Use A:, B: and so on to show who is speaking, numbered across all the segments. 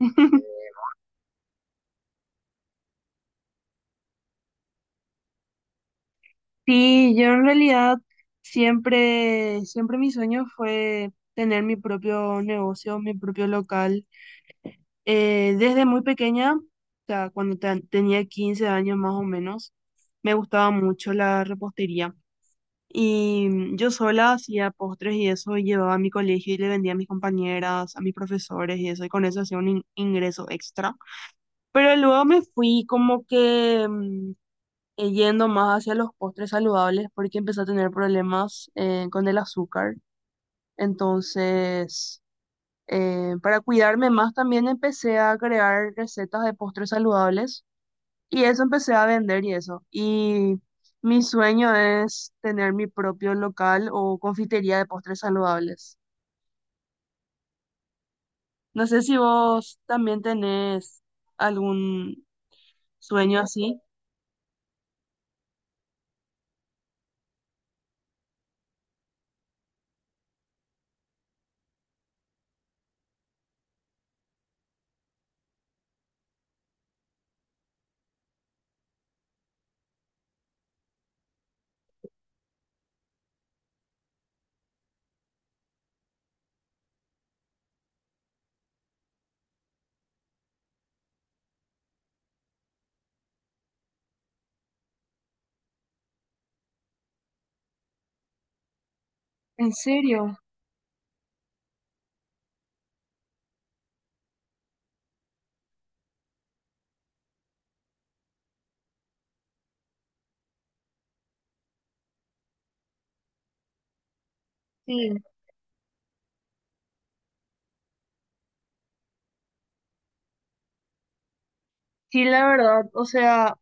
A: Sí, yo en realidad siempre mi sueño fue tener mi propio negocio, mi propio local. Desde muy pequeña, o sea, cuando tenía 15 años más o menos, me gustaba mucho la repostería. Y yo sola hacía postres y eso, y llevaba a mi colegio y le vendía a mis compañeras, a mis profesores y eso, y con eso hacía un ingreso extra. Pero luego me fui como que yendo más hacia los postres saludables porque empecé a tener problemas con el azúcar. Entonces, para cuidarme más también empecé a crear recetas de postres saludables y eso empecé a vender y eso. Y mi sueño es tener mi propio local o confitería de postres saludables. No sé si vos también tenés algún sueño así. ¿En serio? Sí. Sí, la verdad, o sea...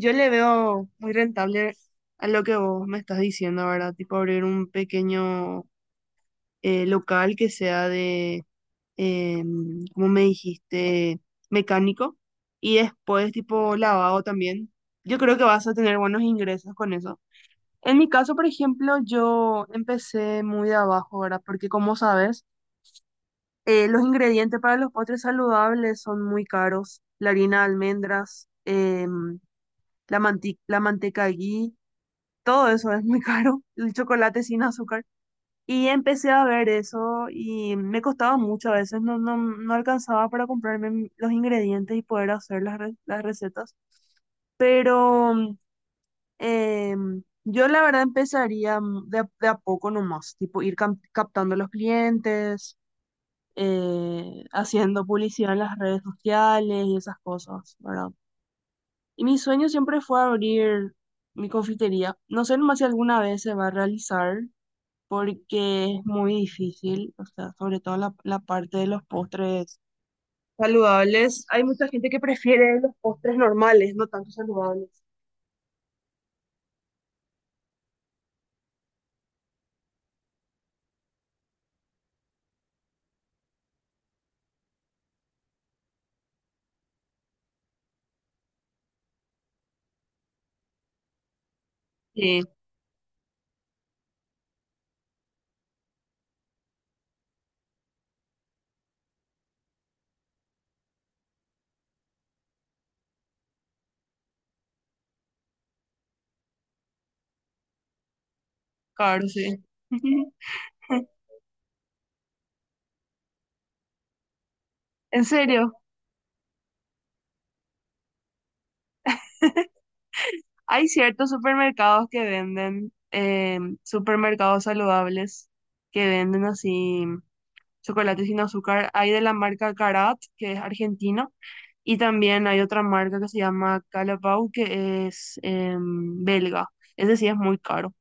A: Yo le veo muy rentable a lo que vos me estás diciendo, ¿verdad? Tipo abrir un pequeño local que sea de, como me dijiste, mecánico y después tipo lavado también. Yo creo que vas a tener buenos ingresos con eso. En mi caso, por ejemplo, yo empecé muy de abajo, ¿verdad? Porque como sabes, los ingredientes para los postres saludables son muy caros. La harina de almendras, la la manteca ghee. Todo eso es muy caro, el chocolate sin azúcar. Y empecé a ver eso y me costaba mucho a veces, no alcanzaba para comprarme los ingredientes y poder hacer las, las recetas. Pero yo la verdad empezaría de a poco nomás, tipo ir captando los clientes, haciendo publicidad en las redes sociales y esas cosas, ¿verdad? Y mi sueño siempre fue abrir mi confitería. No sé nomás si alguna vez se va a realizar, porque es muy difícil, o sea, sobre todo la parte de los postres saludables. Hay mucha gente que prefiere los postres normales, no tanto saludables. Sí, claro, sí. En serio, hay ciertos supermercados que venden, supermercados saludables, que venden así chocolate sin azúcar. Hay de la marca Carat, que es argentino, y también hay otra marca que se llama Calapau, que es belga. Ese sí es muy caro.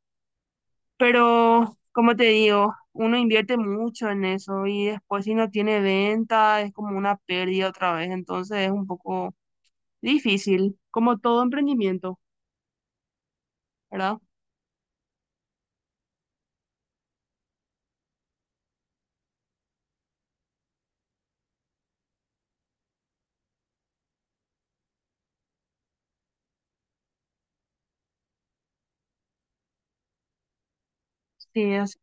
A: Pero, como te digo, uno invierte mucho en eso y después si no tiene venta es como una pérdida otra vez, entonces es un poco difícil, como todo emprendimiento, ¿verdad? Sí, es.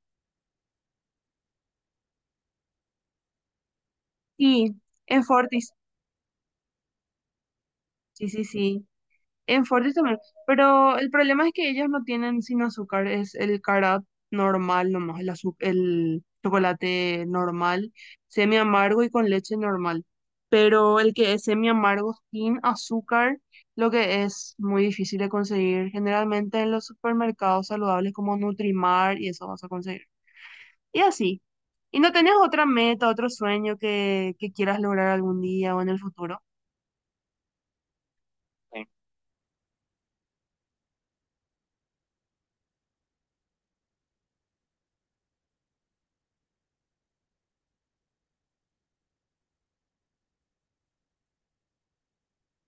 A: Y en Fortis, sí, sí, sí. En Fortis también. Pero el problema es que ellas no tienen sin azúcar, es el carat normal nomás, el el chocolate normal, semi amargo y con leche normal. Pero el que es semi amargo sin azúcar, lo que es muy difícil de conseguir. Generalmente en los supermercados saludables como Nutrimar y eso vas a conseguir. Y así. ¿Y no tenés otra meta, otro sueño que quieras lograr algún día o en el futuro?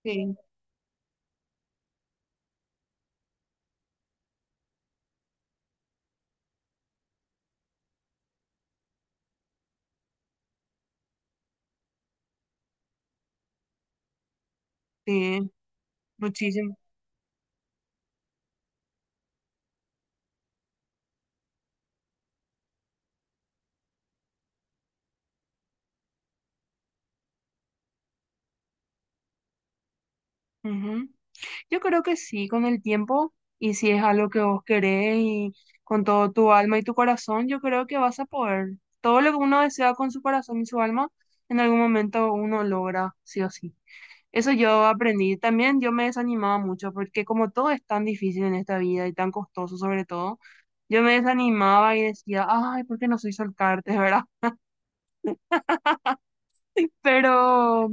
A: Sí, sí, muchísimo. Ujú. Yo creo que sí, con el tiempo, y si es algo que vos querés y con todo tu alma y tu corazón, yo creo que vas a poder. Todo lo que uno desea con su corazón y su alma, en algún momento uno logra, sí o sí. Eso yo aprendí. También yo me desanimaba mucho porque como todo es tan difícil en esta vida y tan costoso sobre todo, yo me desanimaba y decía, ay, ¿por qué no soy solcarte, verdad? Pero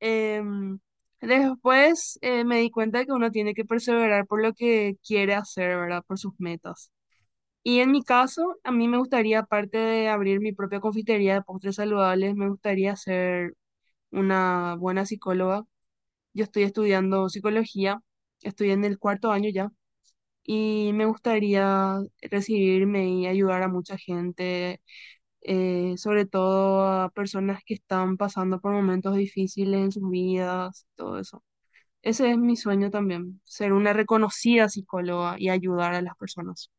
A: Em, después me di cuenta que uno tiene que perseverar por lo que quiere hacer, ¿verdad? Por sus metas. Y en mi caso, a mí me gustaría, aparte de abrir mi propia confitería de postres saludables, me gustaría ser una buena psicóloga. Yo estoy estudiando psicología, estoy en el cuarto año ya, y me gustaría recibirme y ayudar a mucha gente, sobre todo a personas que están pasando por momentos difíciles en sus vidas, todo eso. Ese es mi sueño también, ser una reconocida psicóloga y ayudar a las personas.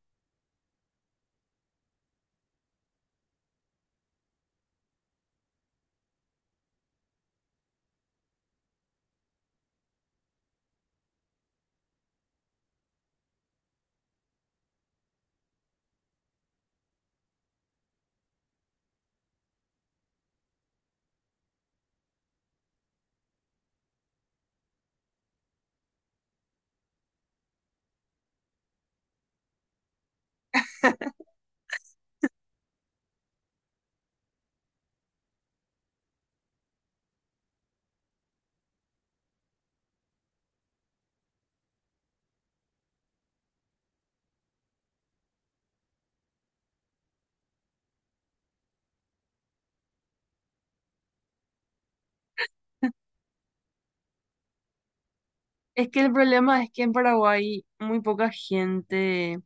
A: Es que el problema es que en Paraguay muy poca gente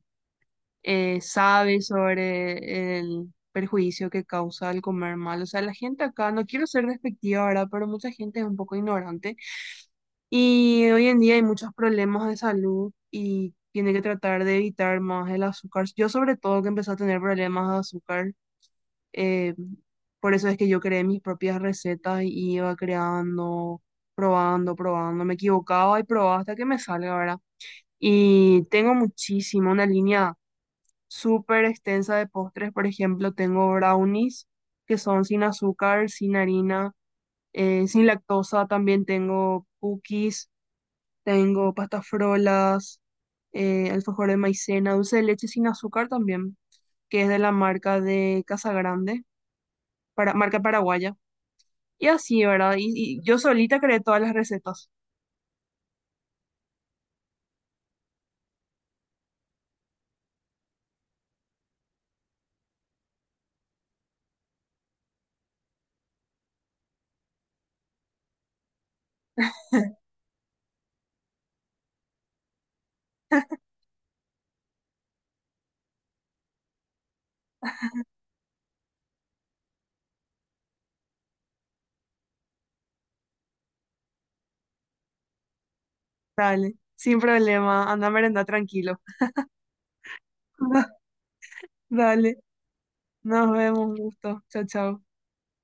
A: sabe sobre el perjuicio que causa el comer mal. O sea, la gente acá, no quiero ser despectiva ahora, pero mucha gente es un poco ignorante y hoy en día hay muchos problemas de salud y tiene que tratar de evitar más el azúcar. Yo sobre todo que empecé a tener problemas de azúcar. Eh, por eso es que yo creé mis propias recetas y iba creando, probando, probando. Me equivocaba y probaba hasta que me salga, ¿verdad? Y tengo muchísimo, una línea súper extensa de postres. Por ejemplo, tengo brownies que son sin azúcar, sin harina, sin lactosa. También tengo cookies, tengo pastas frolas, alfajor de maicena, dulce de leche sin azúcar también, que es de la marca de Casa Grande, para, marca paraguaya. Y así, ¿verdad? Y yo solita creé todas las recetas. Dale, sin problema. Anda a merendar tranquilo. Dale, nos vemos, un gusto. Chao, chao.